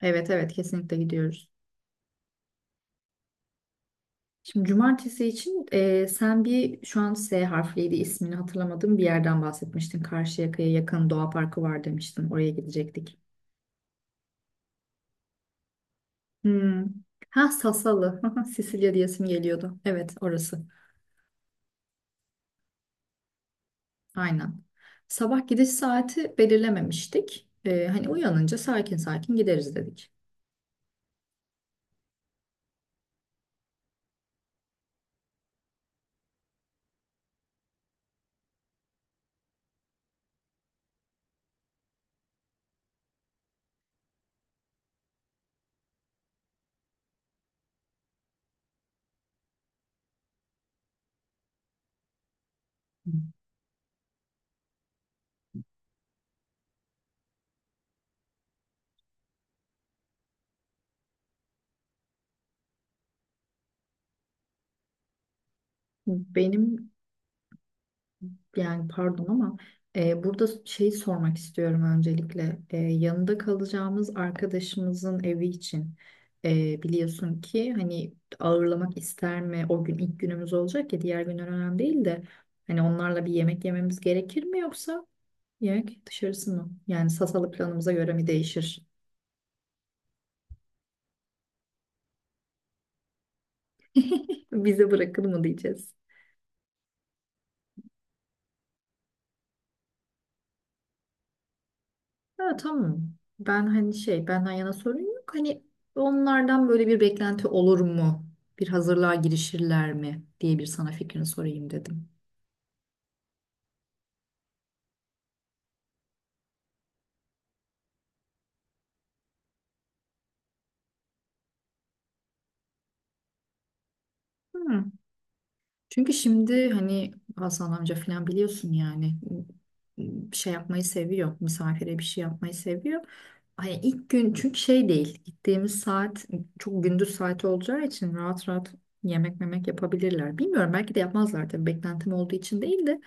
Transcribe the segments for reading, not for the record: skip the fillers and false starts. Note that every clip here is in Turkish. Evet evet kesinlikle gidiyoruz. Şimdi cumartesi için sen bir şu an S harfliydi ismini hatırlamadığım bir yerden bahsetmiştin. Karşıyaka'ya yakın doğa parkı var demiştin. Oraya gidecektik. Hmm. Ha, Sasalı. Sicilya diyesim geliyordu. Evet, orası. Aynen. Sabah gidiş saati belirlememiştik. Hani uyanınca sakin sakin gideriz dedik. Benim yani pardon ama burada şey sormak istiyorum öncelikle. Yanında kalacağımız arkadaşımızın evi için biliyorsun ki hani ağırlamak ister mi? O gün ilk günümüz olacak ya, diğer günler önemli değil de hani onlarla bir yemek yememiz gerekir mi, yoksa yemek dışarısı mı? Yani Sasalı planımıza göre mi değişir? Bize bırakın mı diyeceğiz. Ha, tamam. Ben hani şey, benden yana sorun yok. Hani onlardan böyle bir beklenti olur mu? Bir hazırlığa girişirler mi diye bir sana fikrini sorayım dedim. Hı. Çünkü şimdi hani Hasan amca falan biliyorsun yani bir şey yapmayı seviyor. Misafire bir şey yapmayı seviyor. Hani ilk gün, çünkü şey değil, gittiğimiz saat çok gündüz saati olacağı için rahat rahat yemek memek yapabilirler. Bilmiyorum, belki de yapmazlar tabii, beklentim olduğu için değil de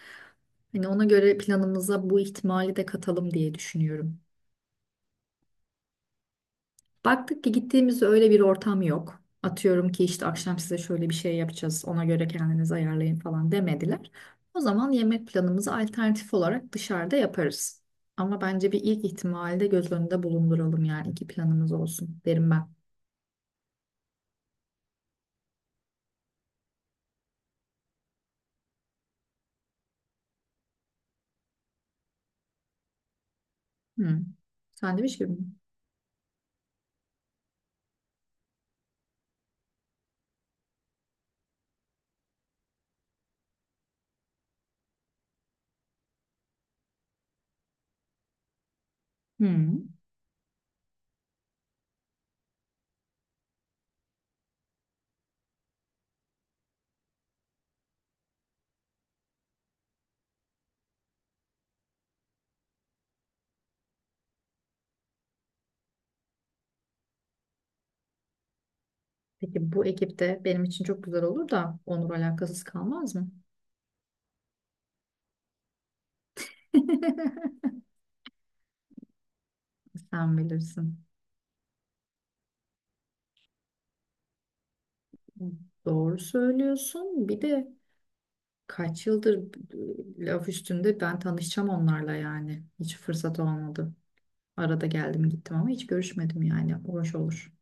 hani ona göre planımıza bu ihtimali de katalım diye düşünüyorum. Baktık ki gittiğimizde öyle bir ortam yok. Atıyorum ki işte akşam size şöyle bir şey yapacağız, ona göre kendinizi ayarlayın falan demediler. O zaman yemek planımızı alternatif olarak dışarıda yaparız. Ama bence bir ilk ihtimali de göz önünde bulunduralım, yani iki planımız olsun derim ben. Hmm. Sandviç gibi mi? Hmm. Peki bu ekipte benim için çok güzel olur da Onur alakasız kalmaz mı? Sen bilirsin. Doğru söylüyorsun. Bir de kaç yıldır laf üstünde ben tanışacağım onlarla yani. Hiç fırsat olmadı. Arada geldim gittim ama hiç görüşmedim yani. Hoş olur.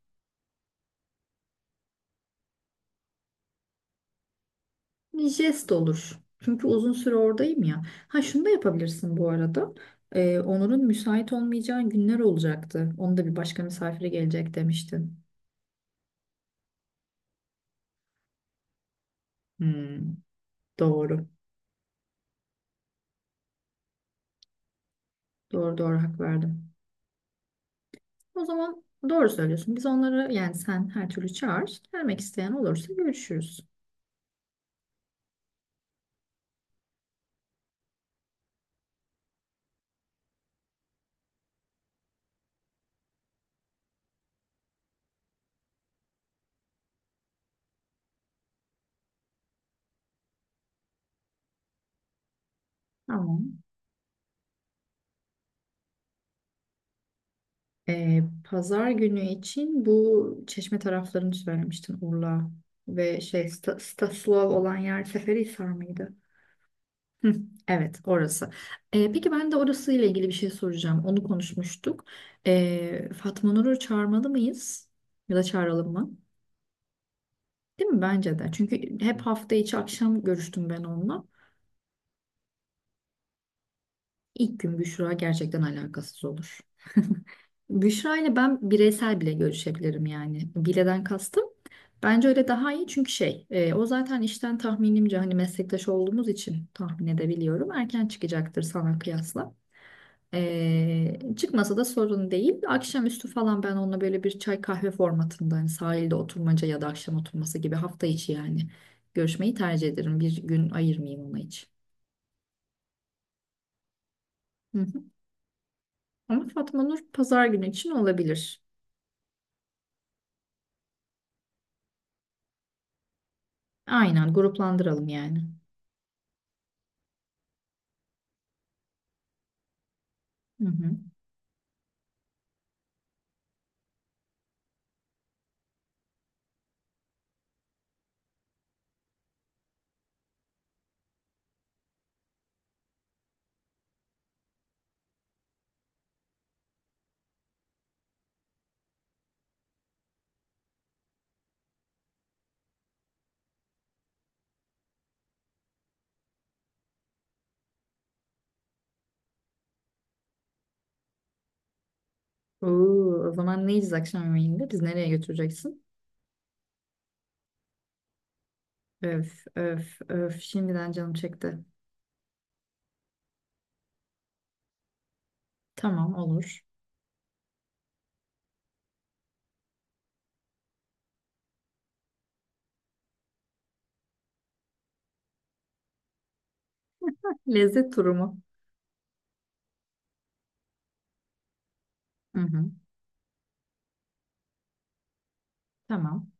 Bir jest olur. Çünkü uzun süre oradayım ya. Ha, şunu da yapabilirsin bu arada. Onur'un müsait olmayacağı günler olacaktı. Onu da bir başka misafire gelecek demiştin. Hmm, doğru. Doğru hak verdim. O zaman doğru söylüyorsun. Biz onları, yani sen her türlü çağır. Gelmek isteyen olursa görüşürüz. Tamam. Pazar günü için bu Çeşme taraflarını söylemiştin, Urla ve şey Sta Stanislav olan yer Seferihisar mıydı? Hı, evet orası. Peki ben de orası ile ilgili bir şey soracağım. Onu konuşmuştuk. Fatma Nur'u çağırmalı mıyız? Ya da çağıralım mı? Değil mi? Bence de. Çünkü hep hafta içi akşam görüştüm ben onunla. İlk gün Büşra gerçekten alakasız olur. Büşra ile ben bireysel bile görüşebilirim yani. Bileden kastım. Bence öyle daha iyi, çünkü şey o zaten işten, tahminimce hani meslektaş olduğumuz için tahmin edebiliyorum, erken çıkacaktır sana kıyasla. Çıkmasa da sorun değil. Akşamüstü falan ben onunla böyle bir çay kahve formatında, hani sahilde oturmaca ya da akşam oturması gibi, hafta içi yani görüşmeyi tercih ederim. Bir gün ayırmayayım ona hiç. Hı hı. Ama Fatma Nur pazar günü için olabilir. Aynen, gruplandıralım yani. Hı hı. Oo, o zaman ne yiyeceğiz akşam yemeğinde? Biz nereye götüreceksin? Öf öf öf, şimdiden canım çekti. Tamam, olur. Lezzet turu mu? Hı hı. Tamam.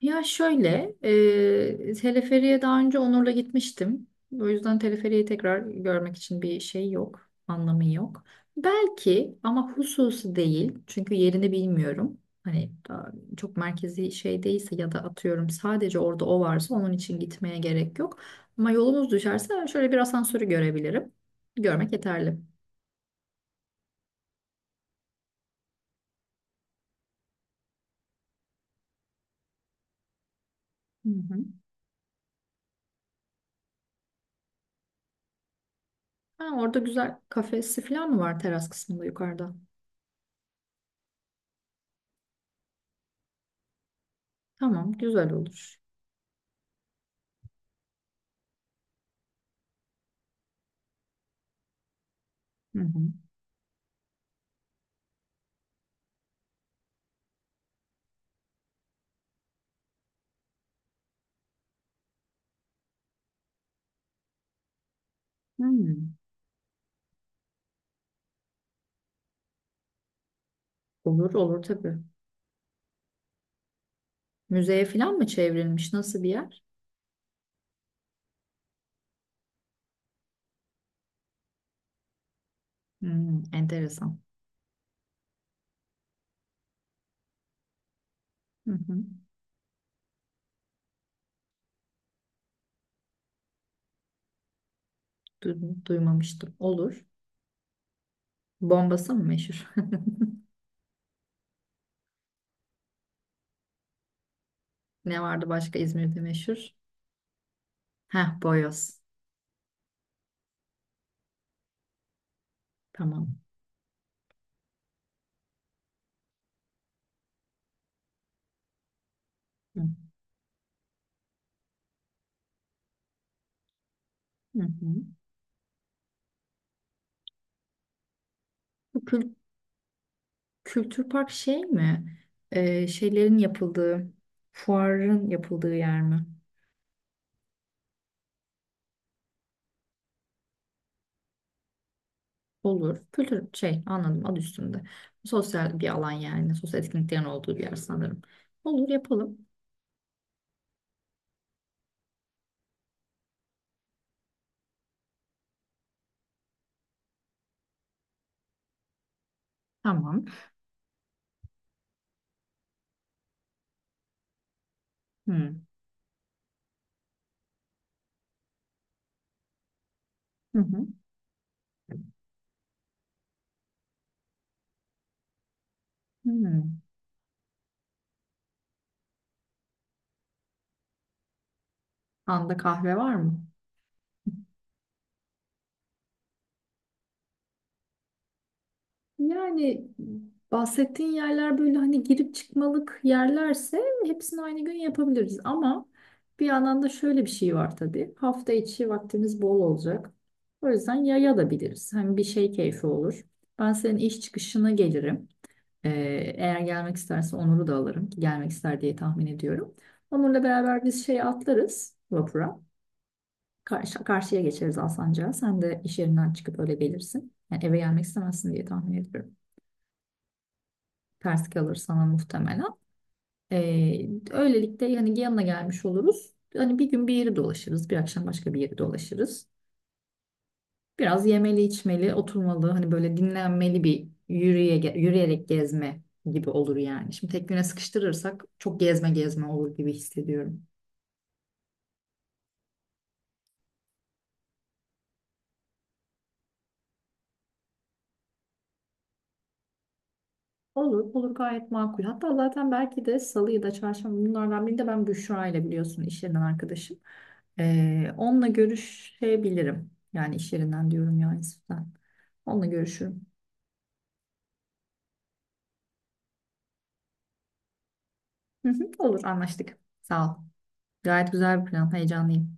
Ya şöyle, teleferiye daha önce Onur'la gitmiştim. O yüzden teleferiyi tekrar görmek için bir şey yok, anlamı yok. Belki, ama hususi değil. Çünkü yerini bilmiyorum. Hani daha çok merkezi şey değilse ya da atıyorum sadece orada o varsa onun için gitmeye gerek yok. Ama yolumuz düşerse şöyle bir asansörü görebilirim. Görmek yeterli. Hı hı. Ha, orada güzel kafesi falan mı var, teras kısmında yukarıda? Tamam, güzel olur. Hı hı. Hmm. Olur olur tabii. Müzeye falan mı çevrilmiş? Nasıl bir yer? Hmm, enteresan. Hı hı. Duymamıştım. Olur. Bombası mı meşhur? Ne vardı başka İzmir'de meşhur? Heh, boyoz. Tamam. Hı hı. Hı. Bu kül- kültür park şey mi? Şeylerin yapıldığı, fuarın yapıldığı yer mi? Olur. Kültür şey, anladım, adı üstünde. Sosyal bir alan yani. Sosyal etkinliklerin olduğu bir yer sanırım. Olur, yapalım. Tamam. Hı. Hı hı. Hmm. Anda kahve var mı? Yani bahsettiğin yerler böyle hani girip çıkmalık yerlerse hepsini aynı gün yapabiliriz. Ama bir yandan da şöyle bir şey var tabii. Hafta içi vaktimiz bol olacak. O yüzden yaya da biliriz. Hem bir şey, keyfi olur. Ben senin iş çıkışına gelirim. Ee, Eğer gelmek isterse Onur'u da alırım. Ki gelmek ister diye tahmin ediyorum. Onur'la beraber biz şeye atlarız, vapura. Karşıya geçeriz Alsancak'a. Sen de iş yerinden çıkıp öyle gelirsin. Yani eve gelmek istemezsin diye tahmin ediyorum. Ters kalır sana muhtemelen. Öylelikle yani yanına gelmiş oluruz. Hani bir gün bir yeri dolaşırız, bir akşam başka bir yeri dolaşırız. Biraz yemeli, içmeli, oturmalı. Hani böyle dinlenmeli bir yürüyerek gezme gibi olur yani. Şimdi tek güne sıkıştırırsak çok gezme olur gibi hissediyorum. Olur, olur, gayet makul. Hatta zaten belki de salı ya da çarşamba, bunlardan birinde ben Büşra ile, biliyorsun, iş yerinden arkadaşım. Onunla görüşebilirim. Yani iş yerinden diyorum ya, Yusuf'tan. Onunla görüşürüm. Hı hı, olur, anlaştık. Sağ ol. Gayet güzel bir plan. Heyecanlıyım.